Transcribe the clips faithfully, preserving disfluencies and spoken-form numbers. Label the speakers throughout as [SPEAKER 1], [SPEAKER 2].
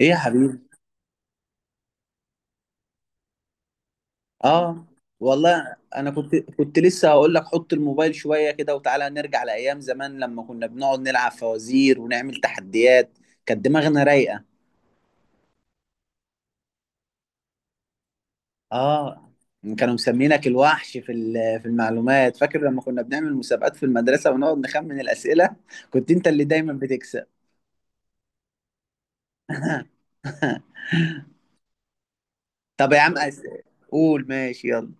[SPEAKER 1] ايه يا حبيبي. اه. والله انا كنت كنت لسه هقول لك حط الموبايل شويه كده وتعالى نرجع لايام زمان لما كنا بنقعد نلعب فوازير ونعمل تحديات. كانت دماغنا رايقه. اه. كانوا مسمينك الوحش في ال- في المعلومات، فاكر لما كنا بنعمل مسابقات في المدرسه ونقعد نخمن الاسئله؟ كنت انت اللي دايما بتكسب. طب يا عم أس... قول ماشي يلا.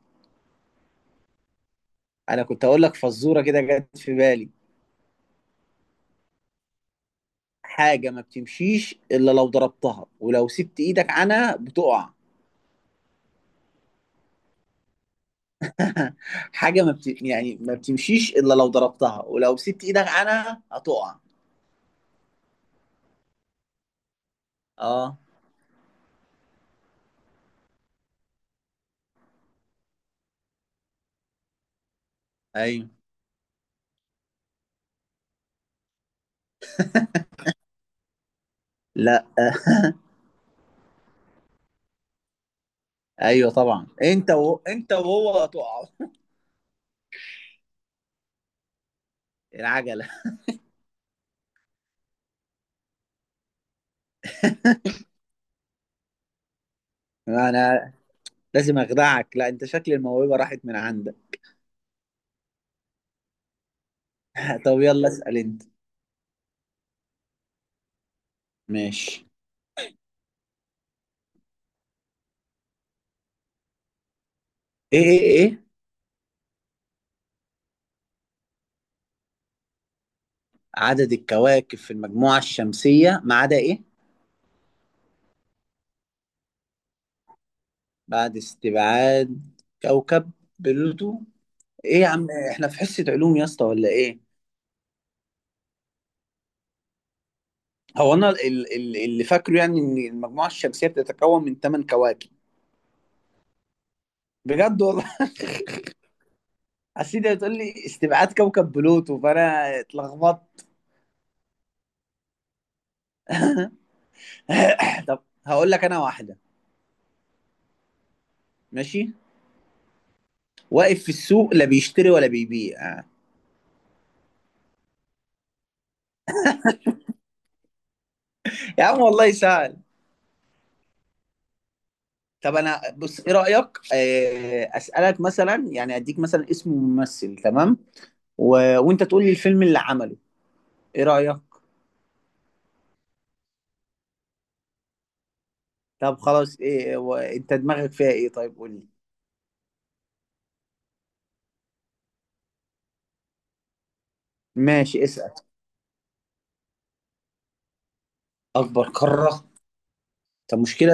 [SPEAKER 1] انا كنت هقول لك فزوره كده جت في بالي. حاجه ما بتمشيش الا لو ضربتها ولو سبت ايدك عنها بتقع. حاجه ما بت... يعني ما بتمشيش الا لو ضربتها ولو مسكت ايدك عنها هتقع. اه. ايوه. لا. ايوه طبعا. انت و... انت وهو هتقع. العجله. انا لازم اخدعك، لا انت شكل الموهبه راحت من عندك. طب يلا اسال انت. ماشي. ايه ايه ايه؟ عدد الكواكب في المجموعه الشمسيه ما عدا ايه؟ بعد استبعاد كوكب بلوتو. ايه يا عم؟ احنا في حصه علوم يا اسطى ولا ايه؟ هو انا ال- ال- اللي فاكره يعني ان المجموعه الشمسيه بتتكون من ثمانية كواكب. بجد والله؟ اصل انت بتقول لي استبعاد كوكب بلوتو فانا اتلخبطت. طب هقول لك انا واحده. ماشي. واقف في السوق لا بيشتري ولا بيبيع. يا عم والله سهل. طب انا بص، ايه رايك، آه، اسالك مثلا يعني اديك مثلا اسم ممثل، تمام، و... وانت تقول لي الفيلم اللي عمله. ايه رايك؟ طب خلاص، ايه و... انت دماغك فيها ايه، طيب قول لي. ماشي اسال. اكبر قاره. طب مشكلة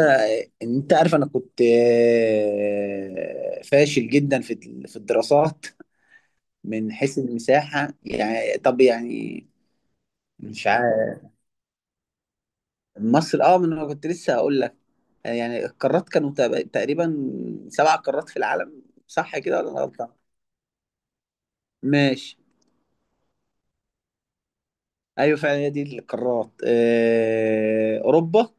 [SPEAKER 1] ان انت عارف انا كنت آه، فاشل جدا في ال- في الدراسات. من حيث المساحة يعني، طب يعني مش عارف. مصر. اه من انا كنت لسه هقول لك، آه، يعني القارات كانوا تق- تقريبا سبع قارات في العالم، صح كده ولا انا غلطان؟ ماشي. ايوه فعلا هي دي القارات. آه، اوروبا.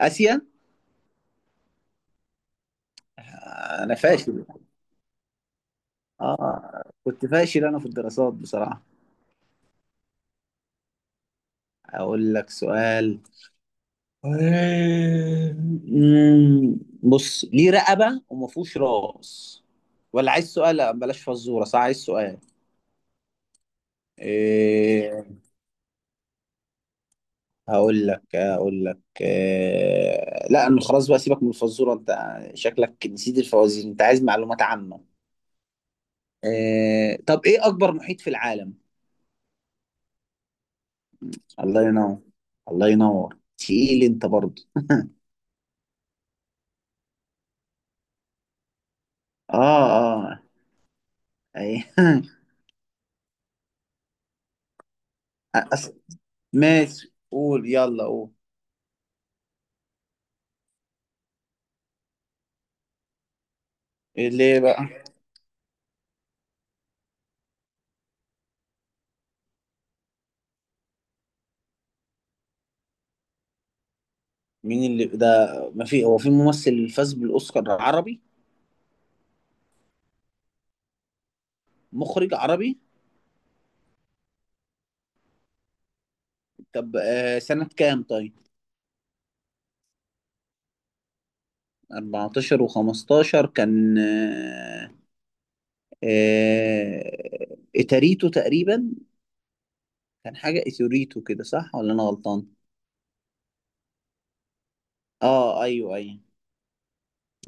[SPEAKER 1] اسيا. آه، انا فاشل. اه كنت فاشل انا في الدراسات بصراحة. اقول لك سؤال. أمم، بص، ليه رقبة وما فيهوش راس؟ ولا عايز سؤال؟ لا بلاش فزورة، صح، عايز سؤال. إيه؟ هقول لك هقول لك إيه، لا انا خلاص بقى سيبك من الفزورة انت. شكلك نسيت الفوازير، انت عايز معلومات عامة. إيه طب، ايه اكبر محيط في العالم؟ الله ينور. الله ينور، تقيل انت برضه. اه. اه. ايه. أص- ماشي، قول يلا قول. ليه بقى؟ مين اللي ده؟ ما في هو في ممثل فاز بالاوسكار عربي؟ مخرج عربي. طب آه سنة كام طيب؟ اربعة عشر و15 كان آه آه اتاريتو تقريبا. كان حاجة اتوريتو كده، صح ولا انا غلطان؟ اه ايوه.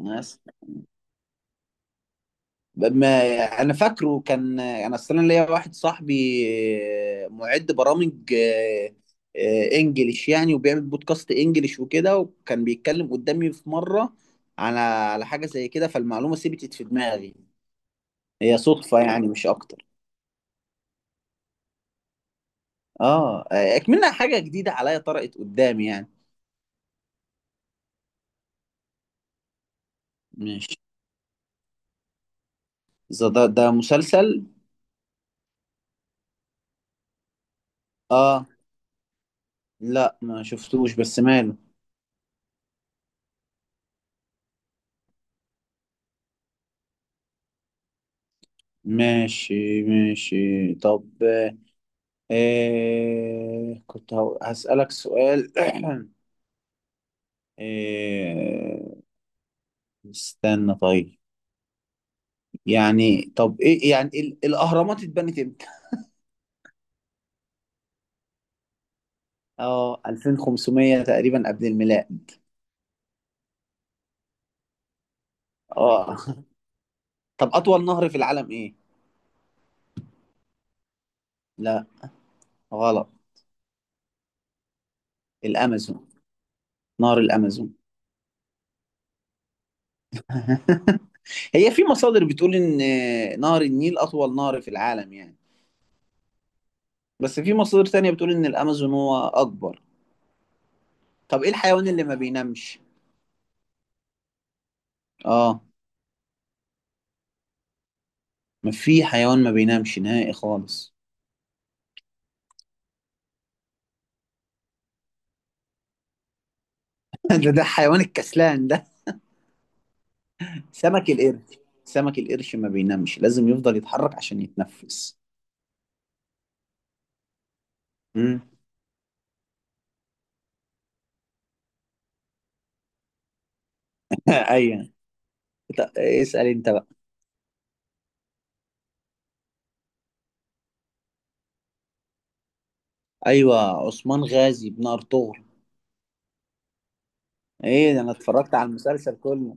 [SPEAKER 1] ايوه. ما انا فاكره. كان انا اصلا ليا واحد صاحبي، آه، معد برامج، آه، آه، انجليش يعني، وبيعمل بودكاست انجليش وكده، وكان بيتكلم قدامي في مره على على حاجه زي كده، فالمعلومه ثبتت في دماغي. هي صدفه يعني مش اكتر. اه آه، اكملها حاجه جديده عليا، طرقت قدامي يعني. ماشي. إذا ده ده مسلسل؟ اه لا ما شفتوش بس ماله. ماشي ماشي طب. إيه كنت هو- هسألك سؤال. إيه. استنى طيب. يعني طب ايه يعني ال- الاهرامات اتبنت امتى؟ اه ألفين وخمسمية تقريبا قبل الميلاد. اه. طب اطول نهر في العالم ايه؟ لا. غلط. الامازون. نهر الامازون. هي في مصادر بتقول ان نهر النيل اطول نهر في العالم يعني، بس في مصادر تانية بتقول ان الامازون هو اكبر. طب ايه الحيوان اللي ما بينامش؟ اه. ما في حيوان ما بينامش نهائي خالص. ده ده حيوان الكسلان ده. سمك القرش. سمك القرش ما بينامش، لازم يفضل يتحرك عشان يتنفس. مم. ايوه. طب اسأل انت بقى. ايوه. عثمان غازي بن ارطغرل. ايه ده، انا اتفرجت على المسلسل كله.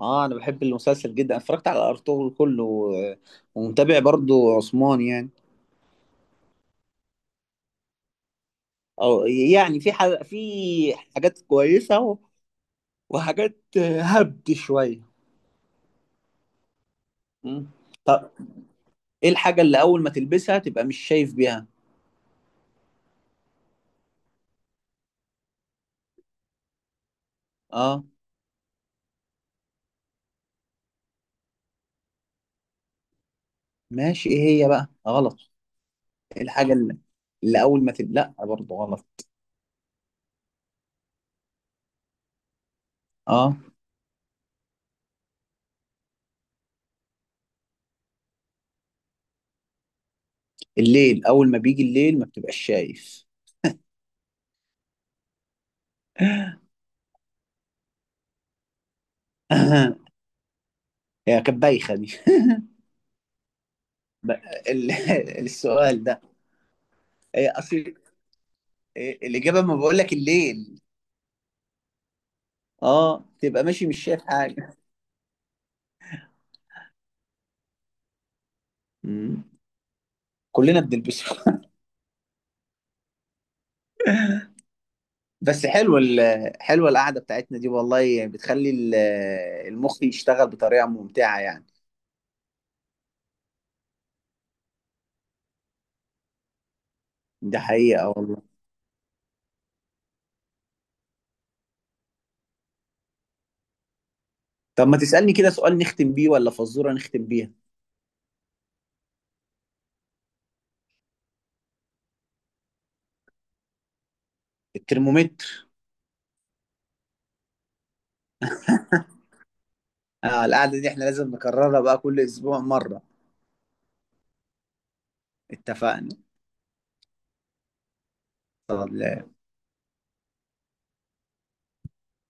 [SPEAKER 1] اه انا بحب المسلسل جدا، اتفرجت على ارطغرل كله و- ومتابع برضو عثمان يعني. او يعني في حاجة، في حاجات كويسة و- وحاجات هبد شوية. مم. ايه الحاجة اللي اول ما تلبسها تبقى مش شايف بيها؟ اه. ماشي ايه، هي بقى غلط. ايه الحاجة اللي, اللي اول ما تل... لا برضه غلط. اه. الليل، اول ما بيجي الليل ما بتبقاش شايف. هي كانت بايخة دي. ب... ال... السؤال ده. هي اصل الاجابة، ما بقول لك الليل. اه تبقى ماشي مش شايف حاجة. مم. كلنا بنلبسه. بس حلوه ال- حلوه القعدة بتاعتنا دي والله، يعني بتخلي ال- المخ يشتغل بطريقة ممتعة يعني. دي حقيقة والله. طب ما تسألني كده سؤال نختم بيه، ولا فزورة نختم بيها. الترمومتر. آه، القعدة دي احنا لازم نكررها بقى كل أسبوع مرة. اتفقنا. طب.